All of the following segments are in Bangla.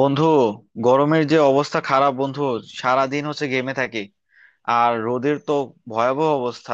বন্ধু, গরমের যে অবস্থা খারাপ বন্ধু। সারাদিন গেমে থাকি। আর রোদের তো ভয়াবহ অবস্থা।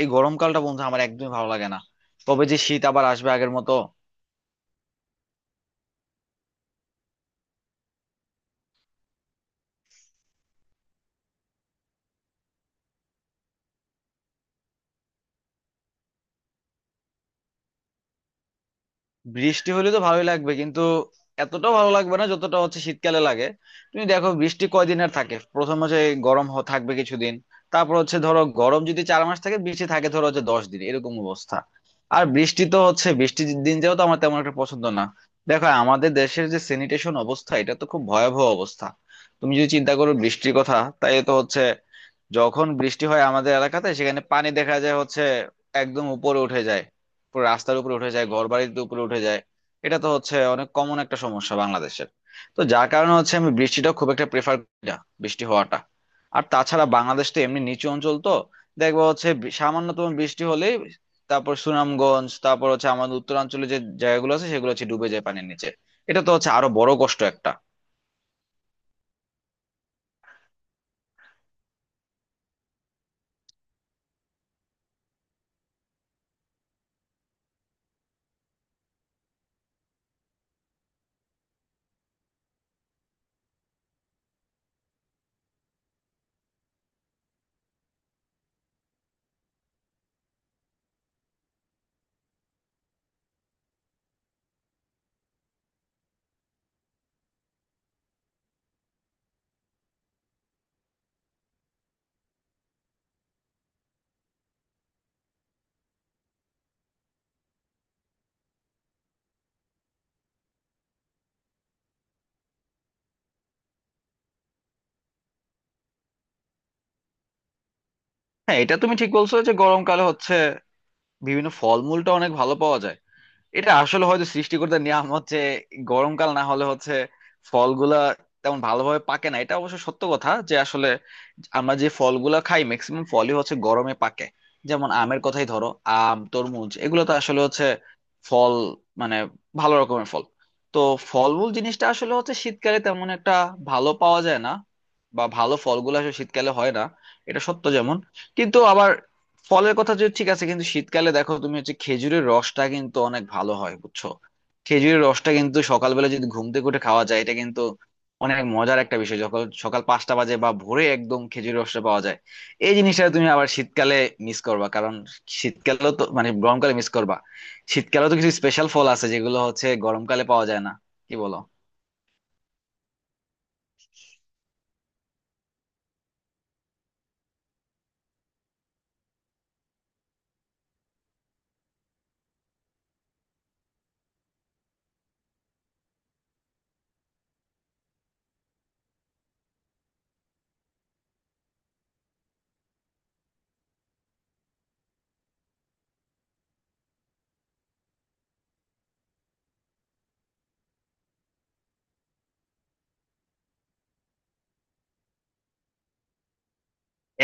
এই গরমকালটা বন্ধু আমার একদমই ভালো লাগে না। তবে যে শীত আবার আসবে আগের মতো। বৃষ্টি হলে তো ভালোই লাগবে, কিন্তু এতটাও ভালো লাগবে না যতটা শীতকালে লাগে। তুমি দেখো বৃষ্টি কয়দিন আর থাকে। প্রথম এই গরম থাকবে কিছুদিন, তারপর ধরো গরম যদি 4 মাস থাকে, বৃষ্টি থাকে ধরো 10 দিন, এরকম অবস্থা। আর বৃষ্টি তো বৃষ্টির দিন যাও তো আমার তেমন একটা পছন্দ না। দেখো আমাদের দেশের যে স্যানিটেশন অবস্থা, এটা তো খুব ভয়াবহ অবস্থা। তুমি যদি চিন্তা করো বৃষ্টির কথা, তাই তো যখন বৃষ্টি হয় আমাদের এলাকাতে, সেখানে পানি দেখা যায় একদম উপরে উঠে যায়, পুরো রাস্তার উপরে উঠে যায়, ঘর বাড়ির উপরে উঠে যায়। এটা তো অনেক কমন একটা সমস্যা বাংলাদেশের। তো যার কারণে আমি বৃষ্টিটা খুব একটা প্রেফার করি না, বৃষ্টি হওয়াটা। আর তাছাড়া বাংলাদেশ তো এমনি নিচু অঞ্চল তো, দেখবো সামান্যতম বৃষ্টি হলেই, তারপর সুনামগঞ্জ, তারপর আমাদের উত্তরাঞ্চলে যে জায়গাগুলো আছে সেগুলো ডুবে যায় পানির নিচে। এটা তো আরো বড় কষ্ট একটা। হ্যাঁ, এটা তুমি ঠিক বলছো যে গরমকালে বিভিন্ন ফলমূলটা অনেক ভালো পাওয়া যায়। এটা আসলে হয়তো সৃষ্টিকর্তার নিয়ম। গরমকাল না হলে ফলগুলা তেমন ভালোভাবে পাকে না। এটা অবশ্য সত্য কথা যে আসলে আমরা যে ফলগুলা খাই ম্যাক্সিমাম ফলই গরমে পাকে। যেমন আমের কথাই ধরো, আম, তরমুজ, এগুলো তো আসলে ফল, মানে ভালো রকমের ফল। তো ফলমূল জিনিসটা আসলে শীতকালে তেমন একটা ভালো পাওয়া যায় না, বা ভালো ফলগুলো আসলে শীতকালে হয় না, এটা সত্য। যেমন কিন্তু আবার ফলের কথা যদি ঠিক আছে, কিন্তু শীতকালে দেখো তুমি খেজুরের রসটা কিন্তু অনেক ভালো হয়, বুঝছো। খেজুরের রসটা কিন্তু সকালবেলা যদি ঘুম থেকে উঠে খাওয়া যায়, এটা কিন্তু অনেক মজার একটা বিষয়, যখন সকাল 5টা বাজে বা ভোরে একদম, খেজুরের রসটা পাওয়া যায়। এই জিনিসটা তুমি আবার শীতকালে মিস করবা, কারণ শীতকালেও তো মানে গরমকালে মিস করবা। শীতকালেও তো কিছু স্পেশাল ফল আছে যেগুলো গরমকালে পাওয়া যায় না, কি বলো।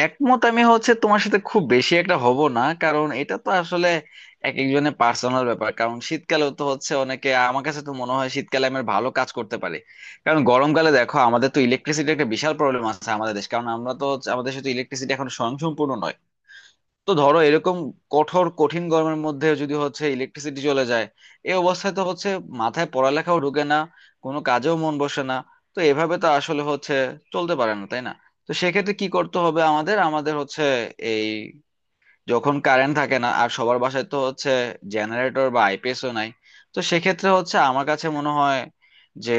একমত আমি তোমার সাথে খুব বেশি একটা হব না, কারণ এটা তো আসলে এক একজনের পার্সোনাল ব্যাপার। কারণ শীতকালেও তো অনেকে, আমার কাছে তো মনে হয় শীতকালে আমরা ভালো কাজ করতে পারি। কারণ গরমকালে দেখো আমাদের তো ইলেকট্রিসিটি একটা বিশাল প্রবলেম আছে আমাদের দেশ, কারণ আমরা তো আমাদের সাথে ইলেকট্রিসিটি এখন স্বয়ংসম্পূর্ণ নয়। তো ধরো এরকম কঠোর কঠিন গরমের মধ্যে যদি ইলেকট্রিসিটি চলে যায়, এই অবস্থায় তো মাথায় পড়ালেখাও ঢোকে না, কোনো কাজেও মন বসে না। তো এভাবে তো আসলে চলতে পারে না, তাই না। তো সেক্ষেত্রে কি করতে হবে আমাদের, আমাদের এই, যখন কারেন্ট থাকে না আর সবার বাসায় তো জেনারেটর বা আইপিএসও নাই। তো সেক্ষেত্রে আমার কাছে মনে হয় যে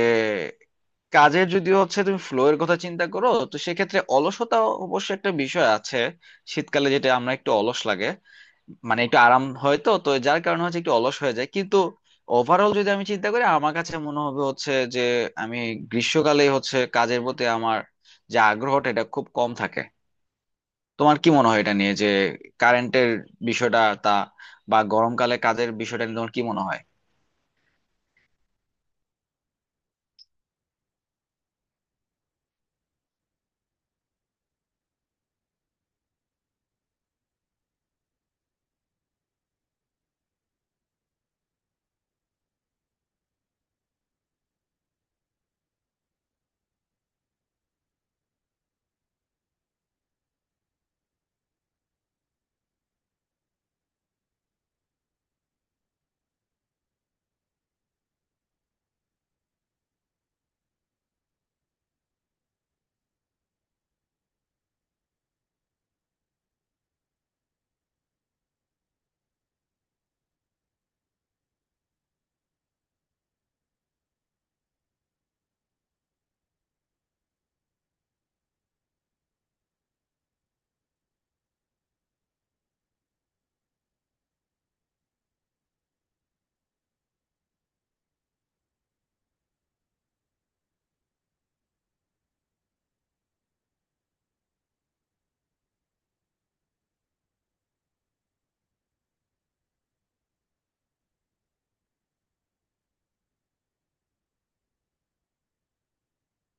কাজের যদি তুমি ফ্লো এর কথা চিন্তা করো, তো সেক্ষেত্রে অলসতা অবশ্য একটা বিষয় আছে। শীতকালে যেটা আমরা একটু অলস লাগে, মানে একটু আরাম হয় তো, তো যার কারণে একটু অলস হয়ে যায়। কিন্তু ওভারঅল যদি আমি চিন্তা করি, আমার কাছে মনে হবে যে আমি গ্রীষ্মকালে কাজের প্রতি আমার যে আগ্রহটা, এটা খুব কম থাকে। তোমার কি মনে হয় এটা নিয়ে, যে কারেন্টের বিষয়টা তা, বা গরমকালে কাজের বিষয়টা নিয়ে তোমার কি মনে হয়।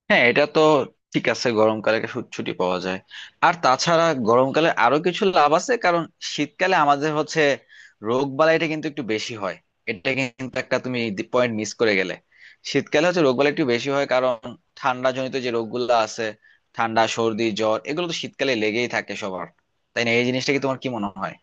হ্যাঁ, এটা তো ঠিক আছে, গরমকালে ছুটি পাওয়া যায়। আর তাছাড়া গরমকালে আরো কিছু লাভ আছে, কারণ শীতকালে আমাদের রোগ বালাইটা কিন্তু একটু বেশি হয়। এটা কিন্তু একটা তুমি পয়েন্ট মিস করে গেলে। শীতকালে রোগ বালাই একটু বেশি হয়, কারণ ঠান্ডা জনিত যে রোগগুলো আছে, ঠান্ডা, সর্দি, জ্বর, এগুলো তো শীতকালে লেগেই থাকে সবার, তাই না। এই জিনিসটা কি তোমার কি মনে হয়।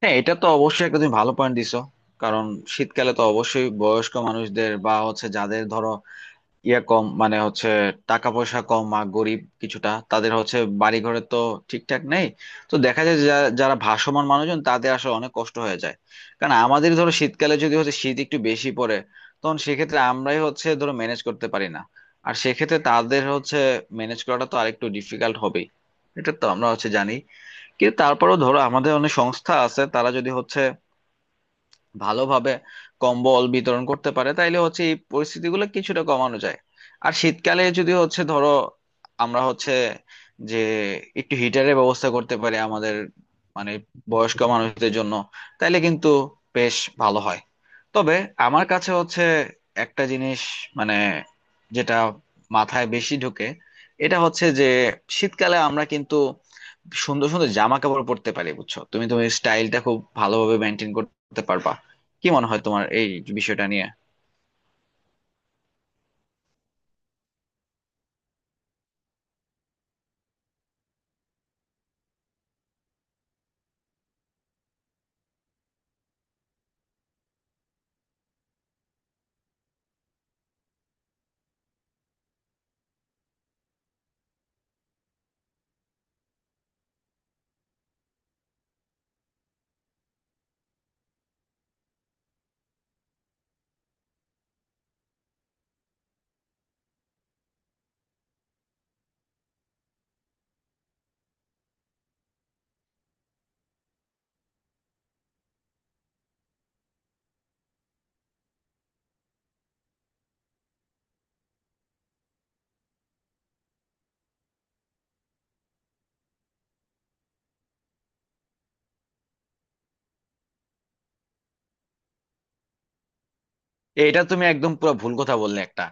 হ্যাঁ, এটা তো অবশ্যই একটা তুমি ভালো পয়েন্ট দিছো। কারণ শীতকালে তো অবশ্যই বয়স্ক মানুষদের বা যাদের ধরো ইয়া কম মানে টাকা পয়সা কম আর গরিব কিছুটা, তাদের বাড়ি ঘরে তো ঠিকঠাক নেই। তো দেখা যায় যে যারা ভাসমান মানুষজন তাদের আসলে অনেক কষ্ট হয়ে যায়। কারণ আমাদের ধরো শীতকালে যদি শীত একটু বেশি পড়ে, তখন সেক্ষেত্রে আমরাই ধরো ম্যানেজ করতে পারি না। আর সেক্ষেত্রে তাদের ম্যানেজ করাটা তো আরেকটু ডিফিকাল্ট হবেই, এটা তো আমরা জানি। কিন্তু তারপরেও ধরো আমাদের অনেক সংস্থা আছে, তারা যদি ভালোভাবে কম্বল বিতরণ করতে পারে, তাইলে এই পরিস্থিতিগুলো কিছুটা কমানো যায়। আর শীতকালে যদি ধরো আমরা যে একটু হিটারের ব্যবস্থা করতে পারি আমাদের মানে বয়স্ক মানুষদের জন্য, তাইলে কিন্তু বেশ ভালো হয়। তবে আমার কাছে একটা জিনিস, মানে, যেটা মাথায় বেশি ঢোকে, এটা যে শীতকালে আমরা কিন্তু সুন্দর সুন্দর জামা কাপড় পরতে পারি, বুঝছো। তুমি তোমার স্টাইলটা খুব ভালোভাবে মেনটেন করতে পারবা। কি মনে হয় তোমার এই বিষয়টা নিয়ে। এটা তুমি একদম পুরো ভুল কথা বললে। একটা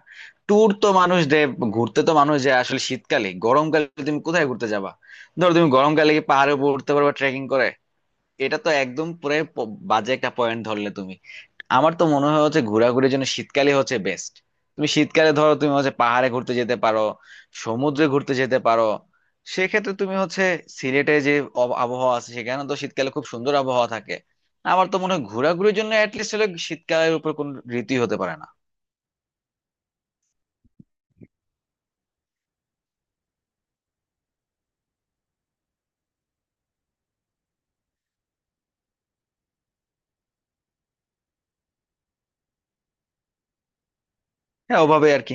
ট্যুর তো মানুষ দেয়, ঘুরতে তো মানুষ যায় আসলে শীতকালে, গরমকালে তুমি কোথায় ঘুরতে যাবা। ধরো তুমি গরমকালে কি পাহাড়ে উপর উঠতে পারবা ট্রেকিং করে। এটা তো একদম পুরো বাজে একটা পয়েন্ট ধরলে তুমি। আমার তো মনে হয় ঘোরাঘুরির জন্য শীতকালই বেস্ট। তুমি শীতকালে ধরো তুমি পাহাড়ে ঘুরতে যেতে পারো, সমুদ্রে ঘুরতে যেতে পারো। সেক্ষেত্রে তুমি সিলেটে যে আবহাওয়া আছে, সেখানে তো শীতকালে খুব সুন্দর আবহাওয়া থাকে। আমার তো মনে হয় ঘোরাঘুরির জন্য অ্যাটলিস্ট হলে শীতকালের উপর কোন ঋতুই হতে পারে না। হ্যাঁ, ওভাবে আর কি।